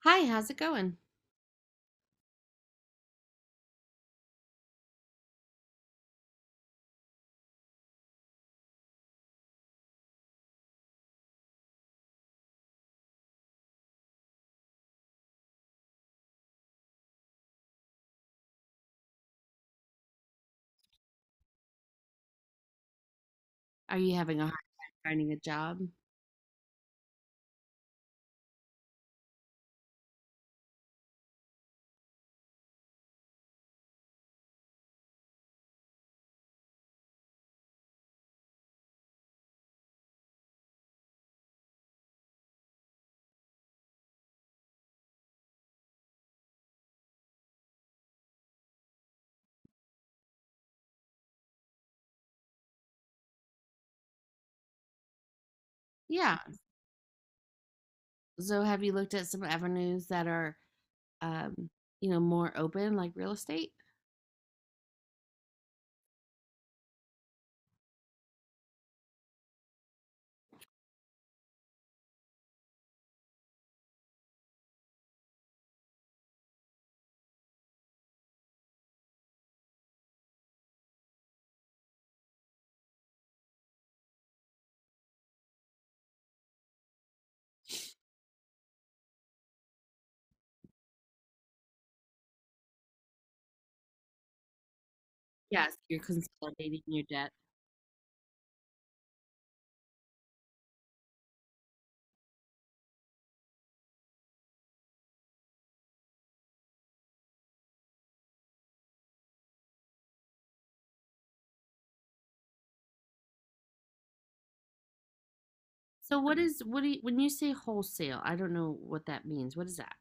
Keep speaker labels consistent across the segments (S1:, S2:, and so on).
S1: Hi, how's it going? Are you having a hard finding a job? Yeah. So have you looked at some avenues that are um, more open like real estate? Yes, you're consolidating your debt. So what do you, when you say wholesale, I don't know what that means. What is that?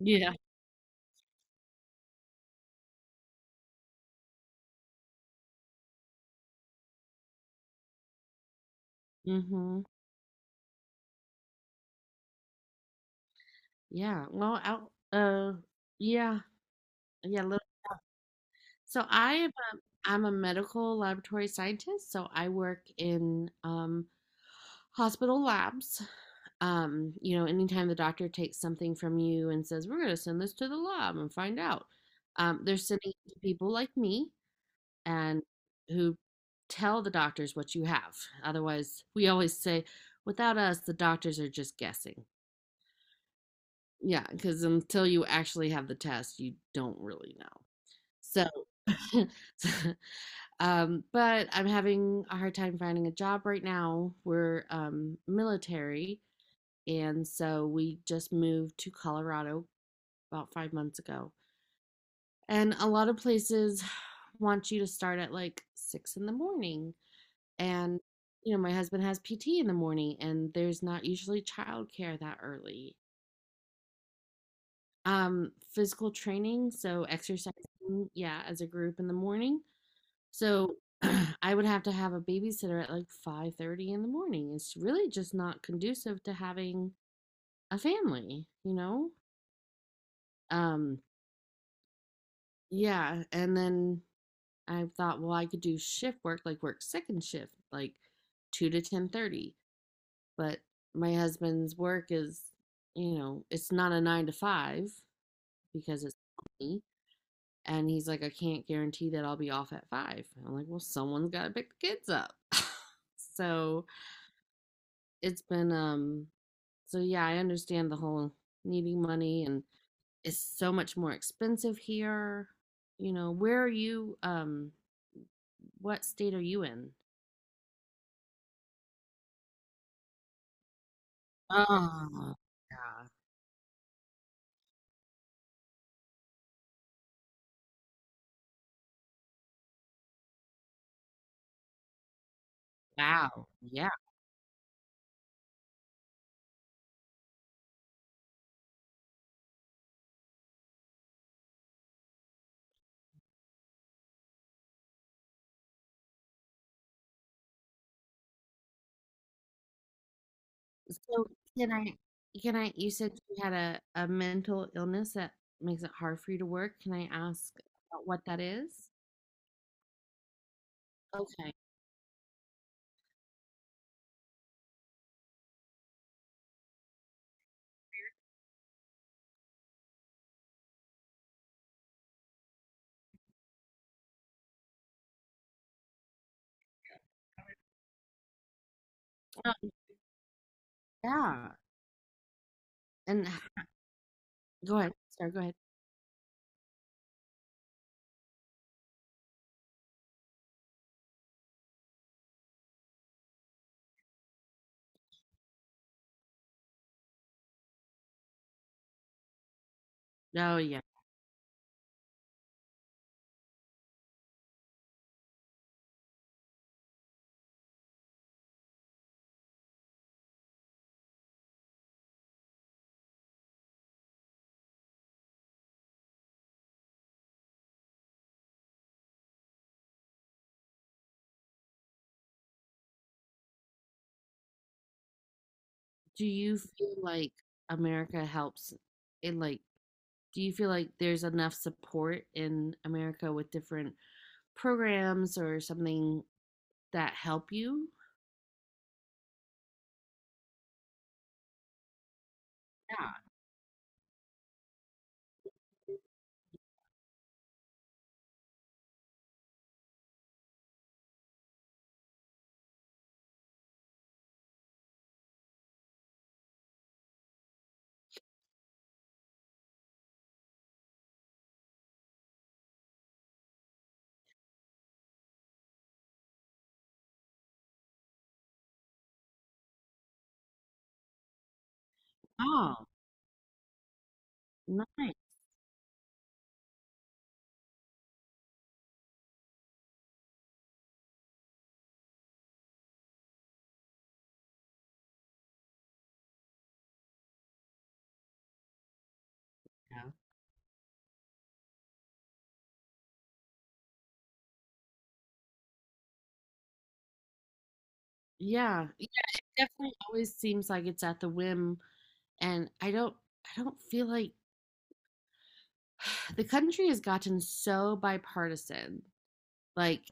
S1: Yeah. Mm-hmm. Yeah. Well, out yeah. Yeah, look. So I'm a medical laboratory scientist, so I work in hospital labs. Anytime the doctor takes something from you and says, we're going to send this to the lab and find out, they're sending it to people like me and who tell the doctors what you have. Otherwise, we always say, without us, the doctors are just guessing. Yeah, because until you actually have the test, you don't really know. So, but I'm having a hard time finding a job right now. We're military. And so we just moved to Colorado about 5 months ago. And a lot of places want you to start at like 6 in the morning. And, my husband has PT in the morning, and there's not usually childcare that early. Physical training, so exercising, yeah, as a group in the morning. So I would have to have a babysitter at like 5:30 in the morning. It's really just not conducive to having a family, you know? Um, Yeah, and then I thought, well, I could do shift work, like work second shift, like 2 to 10:30. But my husband's work is, it's not a nine to five because it's me. And he's like, I can't guarantee that I'll be off at 5. I'm like, well, someone's got to pick the kids up. so it's been, so yeah, I understand the whole needing money and is so much more expensive here. You know, where are you? What state are you in? Oh, yeah. Wow. Yeah. So can I, can I, you said you had a mental illness that makes it hard for you to work. Can I ask about what that is? Okay. Uh, yeah. And h- Go ahead. Sorry, go ahead. No, yeah. Do you feel like America helps in, like, do you feel like there's enough support in America with different programs or something that help you? Yeah. Oh, nice. Yeah. Yeah. Yeah, it definitely always seems like it's at the whim, and I don't feel like the country has gotten so bipartisan. Like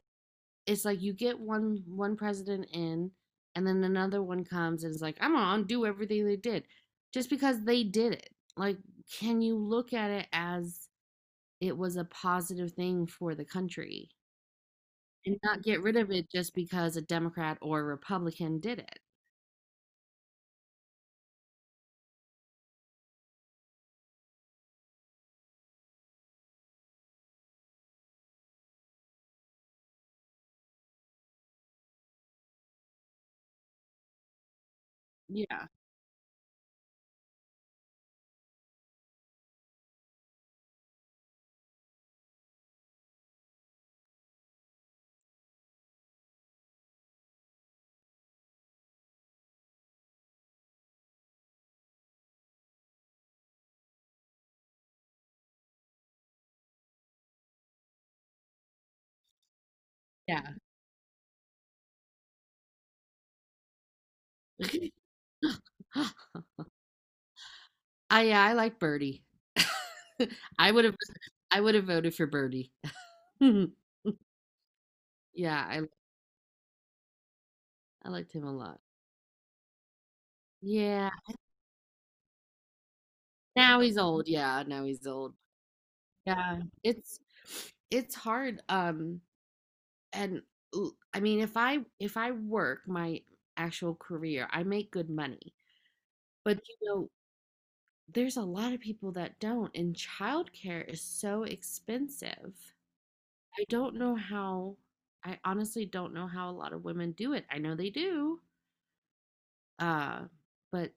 S1: it's like you get one president in, and then another one comes and is like, I'm gonna undo everything they did just because they did it. Like, can you look at it as it was a positive thing for the country and not get rid of it just because a Democrat or Republican did it? Yeah. Yeah. I Yeah, I like Birdie. I would have I would have voted for Birdie. yeah, I I liked him a lot. Yeah. Now he's old. Yeah, now he's old. Yeah. It's hard, and I mean if I work my actual career, I make good money. But, there's a lot of people that don't, and childcare is so expensive. I don't know how, I honestly don't know how a lot of women do it. I know they do. Uh, but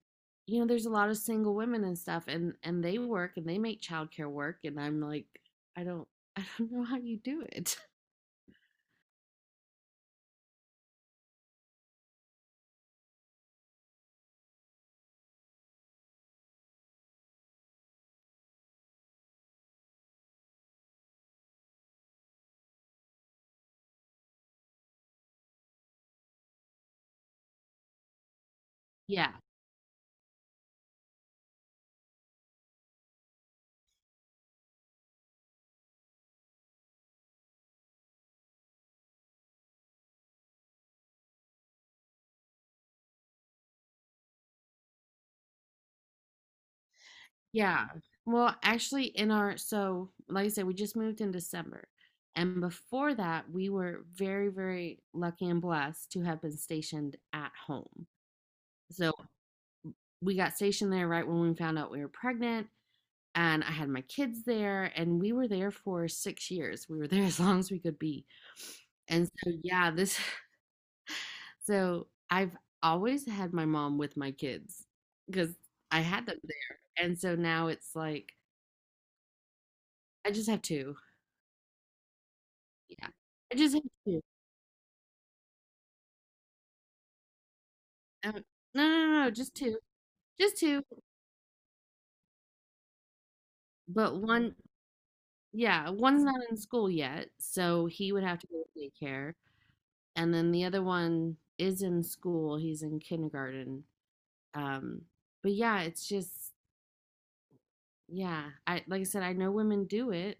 S1: there's a lot of single women and stuff and they work and they make childcare work and I'm like, I don't I don't know how you do it. Yeah. Yeah. Well, actually, so like I said, we just moved in December. And before that, we were very, very lucky and blessed to have been stationed at home. So we got stationed there right when we found out we were pregnant. And I had my kids there, and we were there for 6 years. We were there as long as we could be. And so, yeah, this, so I've always had my mom with my kids because I had them there. And so now it's like, I just have two. Yeah. I just had 2. Um, no, no, no, no, just 2. Just 2, but 1, yeah, 1's not in school yet, so he would have to go to daycare, and then the other one is in school, he's in kindergarten. Um, but yeah, it's just yeah, I like I said, I know women do it.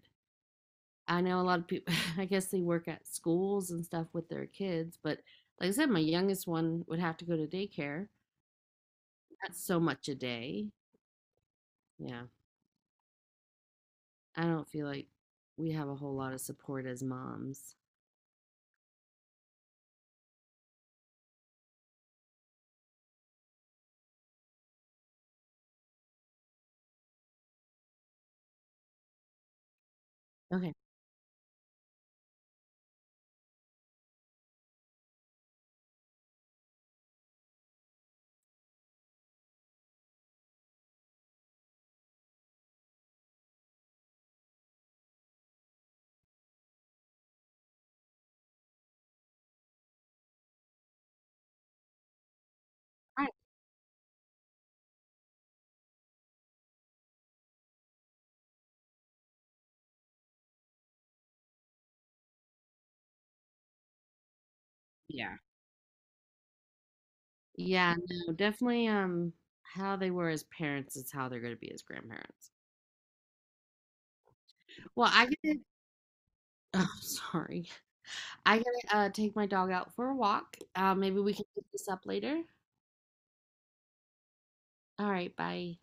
S1: I know a lot of people I guess they work at schools and stuff with their kids, but like I said, my youngest one would have to go to daycare. That's so much a day. Yeah. I don't feel like we have a whole lot of support as moms. Okay. All right. Yeah. Yeah, no, definitely, how they were as parents is how they're going to be as grandparents. Well, I gotta, oh, sorry. I gotta take my dog out for a walk. Maybe we can pick this up later. All right, bye.